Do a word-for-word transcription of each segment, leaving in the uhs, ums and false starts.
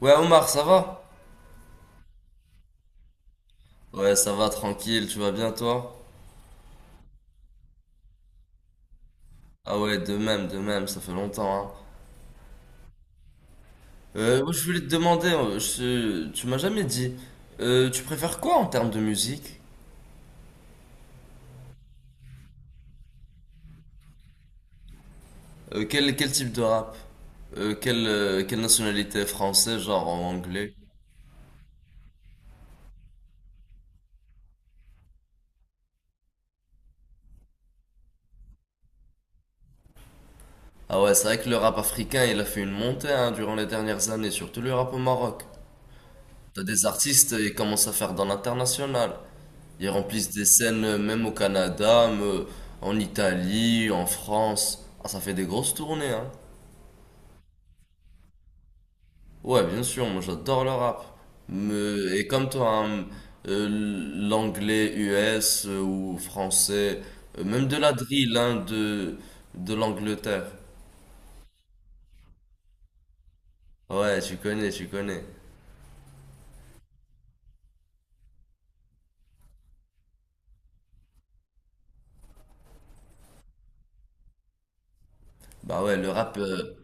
Ouais Omar, ça va? Ouais, ça va, tranquille, tu vas bien toi? Ah ouais, de même, de même, ça fait longtemps, hein. Euh, ouais, je voulais te demander, euh, je- tu m'as jamais dit, euh, tu préfères quoi en termes de musique? Euh, quel, quel type de rap? Euh, quelle, euh, quelle nationalité? Français, genre en anglais? Ah ouais, c'est vrai que le rap africain, il a fait une montée, hein, durant les dernières années, surtout le rap au Maroc. T'as des artistes, ils commencent à faire dans l'international. Ils remplissent des scènes euh, même au Canada, même, euh, en Italie, en France. Ah, ça fait des grosses tournées, hein. Ouais, bien sûr, moi j'adore le rap. Me, et comme toi, hein, euh, l'anglais U S euh, ou français, euh, même de la drill, hein, de, de l'Angleterre. Ouais, tu connais, tu connais. Bah ouais, le rap, euh,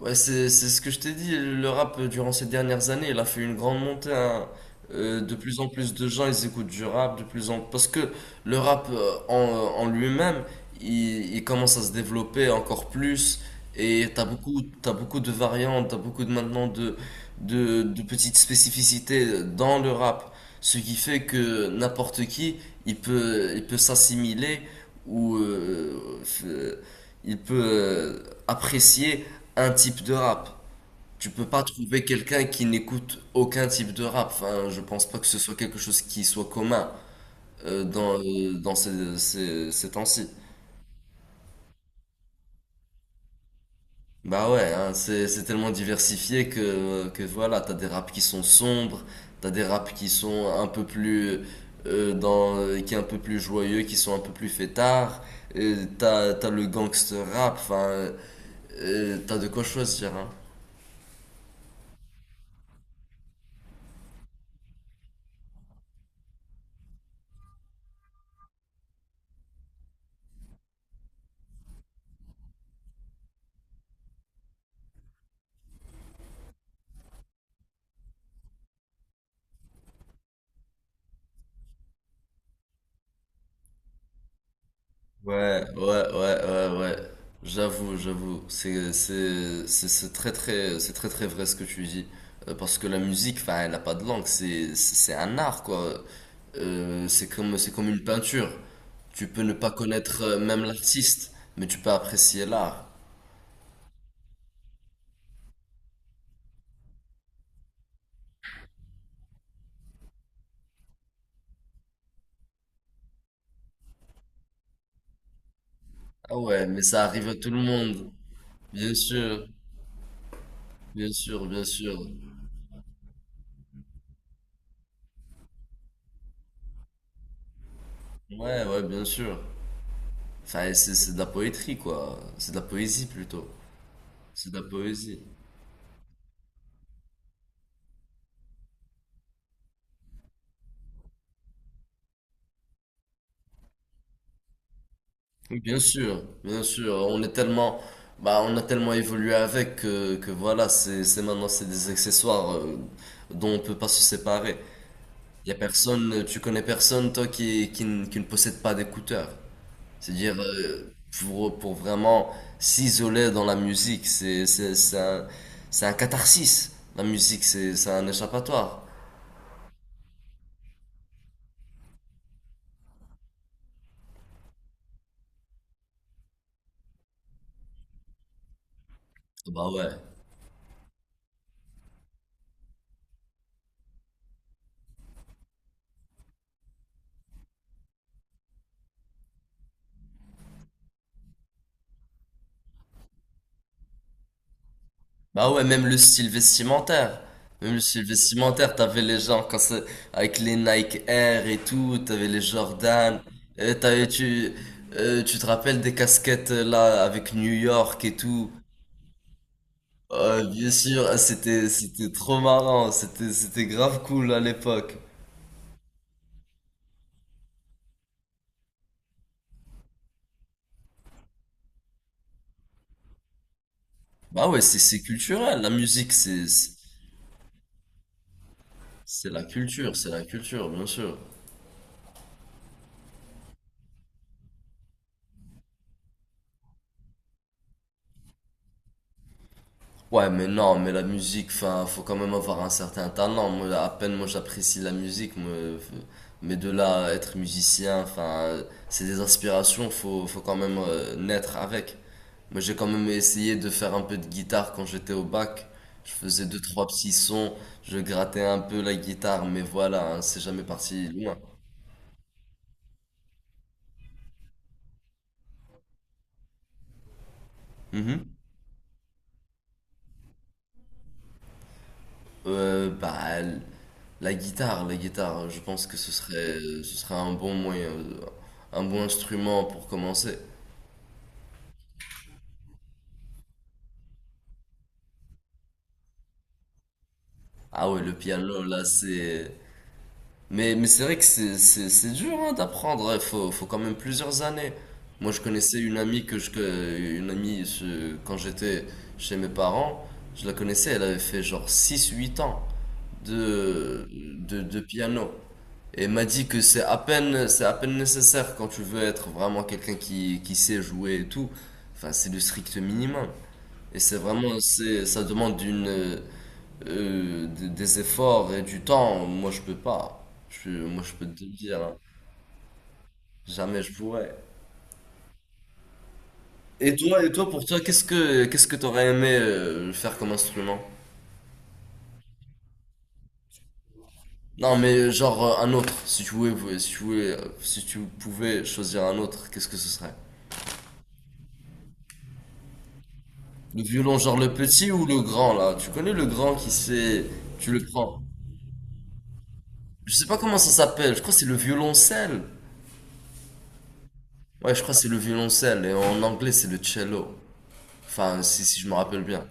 Ouais, c'est c'est ce que je t'ai dit. Le rap, euh, durant ces dernières années, il a fait une grande montée. hein. Euh, de plus en plus de gens, ils écoutent du rap, de plus en parce que le rap euh, en, euh, en lui-même, il, il commence à se développer encore plus. Et t'as beaucoup, t'as beaucoup de variantes, t'as beaucoup de maintenant de, de, de petites spécificités dans le rap, ce qui fait que n'importe qui, il peut, il peut s'assimiler ou euh, f- euh, il peut euh, apprécier un type de rap. Tu peux pas trouver quelqu'un qui n'écoute aucun type de rap. Enfin, je pense pas que ce soit quelque chose qui soit commun euh, dans, euh, dans ces, ces, ces temps-ci. Bah ouais, hein, c'est, c'est tellement diversifié que, que voilà, t'as des raps qui sont sombres, t'as des raps qui sont un peu plus euh, dans, qui est un peu plus joyeux, qui sont un peu plus fêtards, euh, t'as, t'as le gangster rap, enfin, euh, t'as de quoi choisir, hein. Ouais, ouais, ouais, ouais. J'avoue, j'avoue. C'est, c'est, c'est c'est très, très, c'est très, très vrai ce que tu dis. Euh, parce que la musique, enfin, elle n'a pas de langue. C'est, c'est un art, quoi. Euh, c'est comme, c'est comme une peinture. Tu peux ne pas connaître euh, même l'artiste, mais tu peux apprécier l'art. Ah ouais, mais ça arrive à tout le monde. Bien sûr, bien sûr, bien sûr. Ouais, ouais, bien sûr. Enfin, c'est c'est de la poétrie, quoi. C'est de la poésie, plutôt. C'est de la poésie. Bien sûr, bien sûr, on est tellement, bah, on a tellement évolué avec que, que voilà, c'est, c'est maintenant, c'est des accessoires euh, dont on peut pas se séparer. Il y a personne, tu connais personne toi qui, qui, ne qui ne possède pas d'écouteurs. C'est-à-dire euh, pour, pour vraiment s'isoler dans la musique, c'est, c'est, c'est un, c'est un catharsis. La musique, c'est, c'est un échappatoire. Bah ouais. Bah ouais, même le style vestimentaire. Même le style vestimentaire, t'avais les gens quand c'est- avec les Nike Air et tout, t'avais les Jordan, euh, t'avais, tu, euh, tu te rappelles des casquettes euh, là avec New York et tout. Euh, bien sûr, ah, c'était, c'était trop marrant, c'était, c'était grave cool à l'époque. Bah ouais, c'est, c'est culturel, la musique, c'est, c'est c'est la culture, c'est la culture, bien sûr. Ouais, mais non, mais la musique, enfin, faut quand même avoir un certain talent. Moi, à peine, moi, j'apprécie la musique, moi, euh, mais de là à être musicien, enfin, euh, c'est des inspirations faut, faut quand même euh, naître avec. Moi, j'ai quand même essayé de faire un peu de guitare quand j'étais au bac. Je faisais deux, trois petits sons, je grattais un peu la guitare, mais voilà, hein, c'est jamais parti loin. Mhm. Euh, bah, l- la guitare, la guitare, hein, je pense que ce serait, ce serait un bon moyen, euh, un bon instrument pour commencer. Ah ouais, le piano, là, c'est... Mais, mais c'est vrai que c'est, c'est, c'est dur hein, d'apprendre, il faut, faut quand même plusieurs années. Moi, je connaissais une amie que je, que- une amie, ce- quand j'étais chez mes parents, je la connaissais, elle avait fait genre six huit ans de, de, de piano. Et m'a dit que c'est à peine, c'est à peine nécessaire quand tu veux être vraiment quelqu'un qui, qui sait jouer et tout. Enfin, c'est le strict minimum. Et c'est vraiment, c'est, ça demande une, euh, euh, des des efforts et du temps. Moi, je peux pas. Je, moi, je peux te le dire. hein. Jamais je pourrais. Et toi, et toi, pour toi, qu'est-ce que, qu'est-ce que t'aurais aimé euh, faire comme instrument? Non, mais genre euh, un autre. Si tu pouvais, si tu pouvais, si tu pouvais choisir un autre, qu'est-ce que ce serait? Le violon, genre le petit ou le grand, là. Tu connais le grand qui c'est. Tu le prends. Je sais pas comment ça s'appelle. Je crois que c'est le violoncelle. Ouais, je crois que c'est le violoncelle. Et en anglais, c'est le cello. Enfin, si, si je me rappelle bien.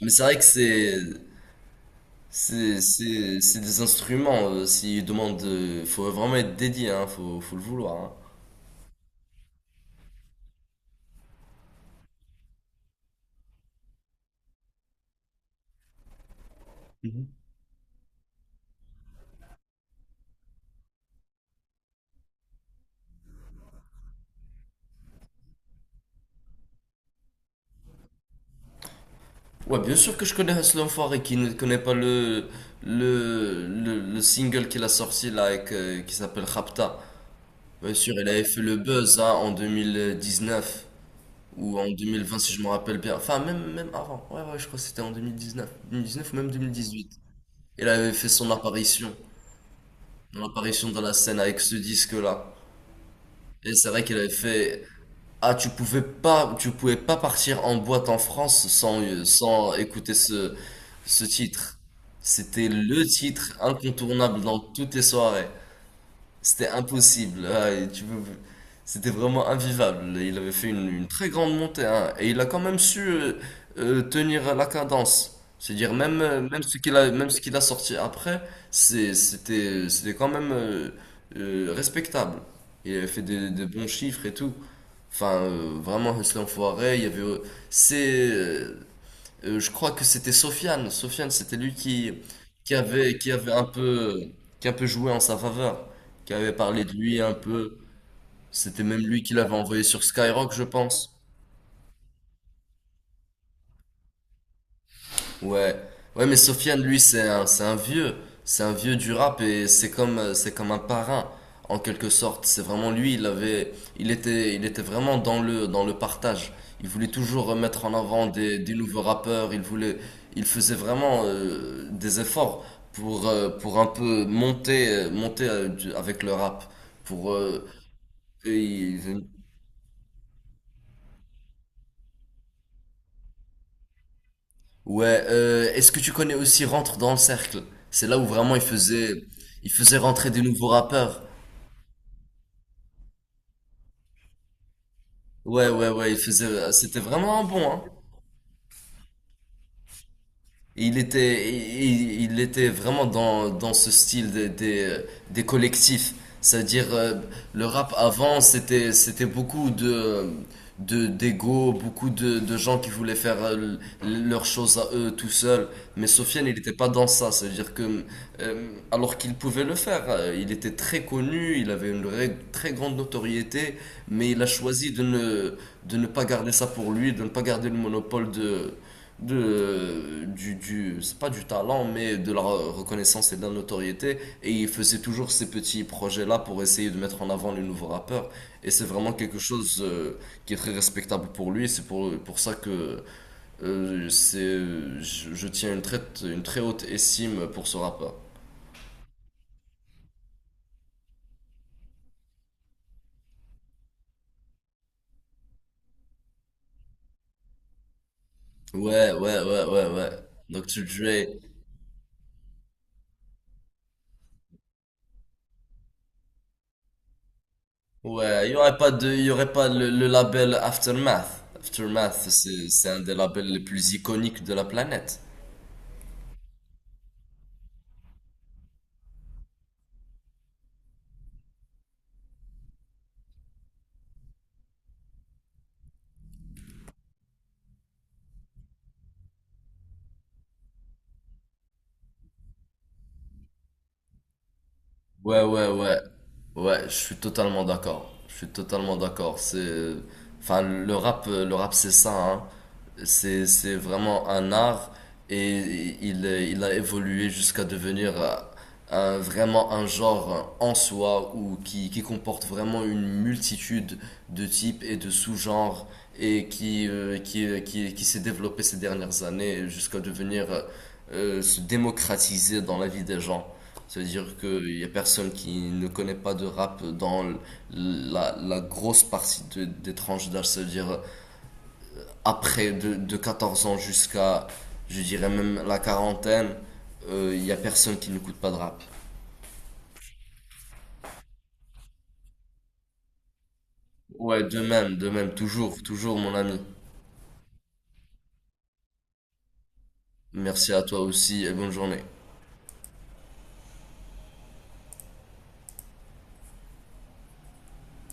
Mais c'est vrai que c'est. C'est c'est- c'est des instruments. euh, S'ils demandent. Euh, faut vraiment être dédié, hein. Faut, faut le vouloir, hein. Ouais, bien sûr que je connais Hustle, et qui ne connaît pas le. Le, le, le single qu'il a sorti là avec, euh, qui s'appelle Rapta. Bien sûr, elle avait fait le buzz hein, en deux mille dix-neuf ou en deux mille vingt si je me rappelle bien. Enfin, même, même avant. Ouais, ouais, je crois que c'était en deux mille dix-neuf. deux mille dix-neuf ou même deux mille dix-huit. Elle avait fait son apparition. Son apparition dans la scène avec ce disque-là. Et c'est vrai qu'elle avait fait... Ah, tu pouvais pas, tu pouvais pas partir en boîte en France sans, euh, sans écouter ce, ce titre. C'était le titre incontournable dans toutes les soirées. C'était impossible. Ah, et tu veux- C'était vraiment invivable. Il avait fait une, une très grande montée, hein. Et il a quand même su euh, euh, tenir la cadence. C'est-à-dire, même, euh, même ce qu'il a, même ce qu'il a sorti après, c'est- c'était, c'était quand même euh, euh, respectable. Il avait fait des, des bons chiffres et tout. Enfin, euh, vraiment, Hussein Foiré, il y avait. Euh, C'est. Euh, euh, je crois que c'était Sofiane. Sofiane, c'était lui qui, qui avait, qui avait un peu, qui a un peu joué en sa faveur, qui avait parlé de lui un peu. C'était même lui qui l'avait envoyé sur Skyrock, je pense. Ouais, ouais, mais Sofiane, lui, c'est un, c'est un vieux, c'est un vieux du rap et c'est comme, euh, c'est comme un parrain, en quelque sorte. C'est vraiment lui, il avait, il était, il était vraiment dans le, dans le partage. Il voulait toujours mettre en avant des, des nouveaux rappeurs. Il voulait, il faisait vraiment euh, des efforts pour, euh, pour un peu monter, euh, monter euh, du- avec le rap. Pour, euh, et il- Ouais, euh, est-ce que tu connais aussi Rentre dans le cercle? C'est là où vraiment il faisait, il faisait rentrer des nouveaux rappeurs. Ouais, ouais, ouais, il faisait, c'était vraiment bon, hein. Il était, il, il était vraiment dans, dans ce style des, des, des collectifs. C'est-à-dire, euh, le rap avant, c'était, c'était beaucoup de, de, d'ego, beaucoup de, de gens qui voulaient faire euh, l- leurs choses à eux tout seuls. Mais Sofiane, il n'était pas dans ça. C'est-à-dire que, euh, alors qu'il pouvait le faire, euh, il était très connu, il avait une vraie- très grande notoriété, mais il a choisi de ne, de ne pas garder ça pour lui, de ne pas garder le monopole de de du, du, c'est pas du talent, mais de la re- reconnaissance et de la notoriété. Et il faisait toujours ces petits projets là pour essayer de mettre en avant les nouveaux rappeurs, et c'est vraiment quelque chose euh, qui est très respectable pour lui. C'est pour pour ça que euh, c'est je, je tiens une très une très haute estime pour ce rappeur. Ouais, ouais, ouais, ouais, ouais. Dr Dre. Ouais, il y aurait pas de il y aurait pas le, le label Aftermath. Aftermath c'est c'est un des labels les plus iconiques de la planète. Ouais, ouais, ouais. Ouais, je suis totalement d'accord. Je suis totalement d'accord. C'est, enfin, le rap, euh, le rap, c'est ça, hein. C'est, c'est vraiment un art, et il, il a évolué jusqu'à devenir euh, un- vraiment un genre en soi ou qui, qui comporte vraiment une multitude de types et de sous-genres, et qui, euh, qui, qui, qui s'est développé ces dernières années jusqu'à devenir, euh, euh, se démocratiser dans la vie des gens. Ça veut dire qu'il y a personne qui ne connaît pas de rap dans l- la, la grosse partie de- des tranches d'âge. Ça veut dire après de, de quatorze ans jusqu'à, je dirais même la quarantaine, euh, il y a personne qui n'écoute pas de rap. Ouais, de même, de même, toujours, toujours mon ami. Merci à toi aussi et bonne journée.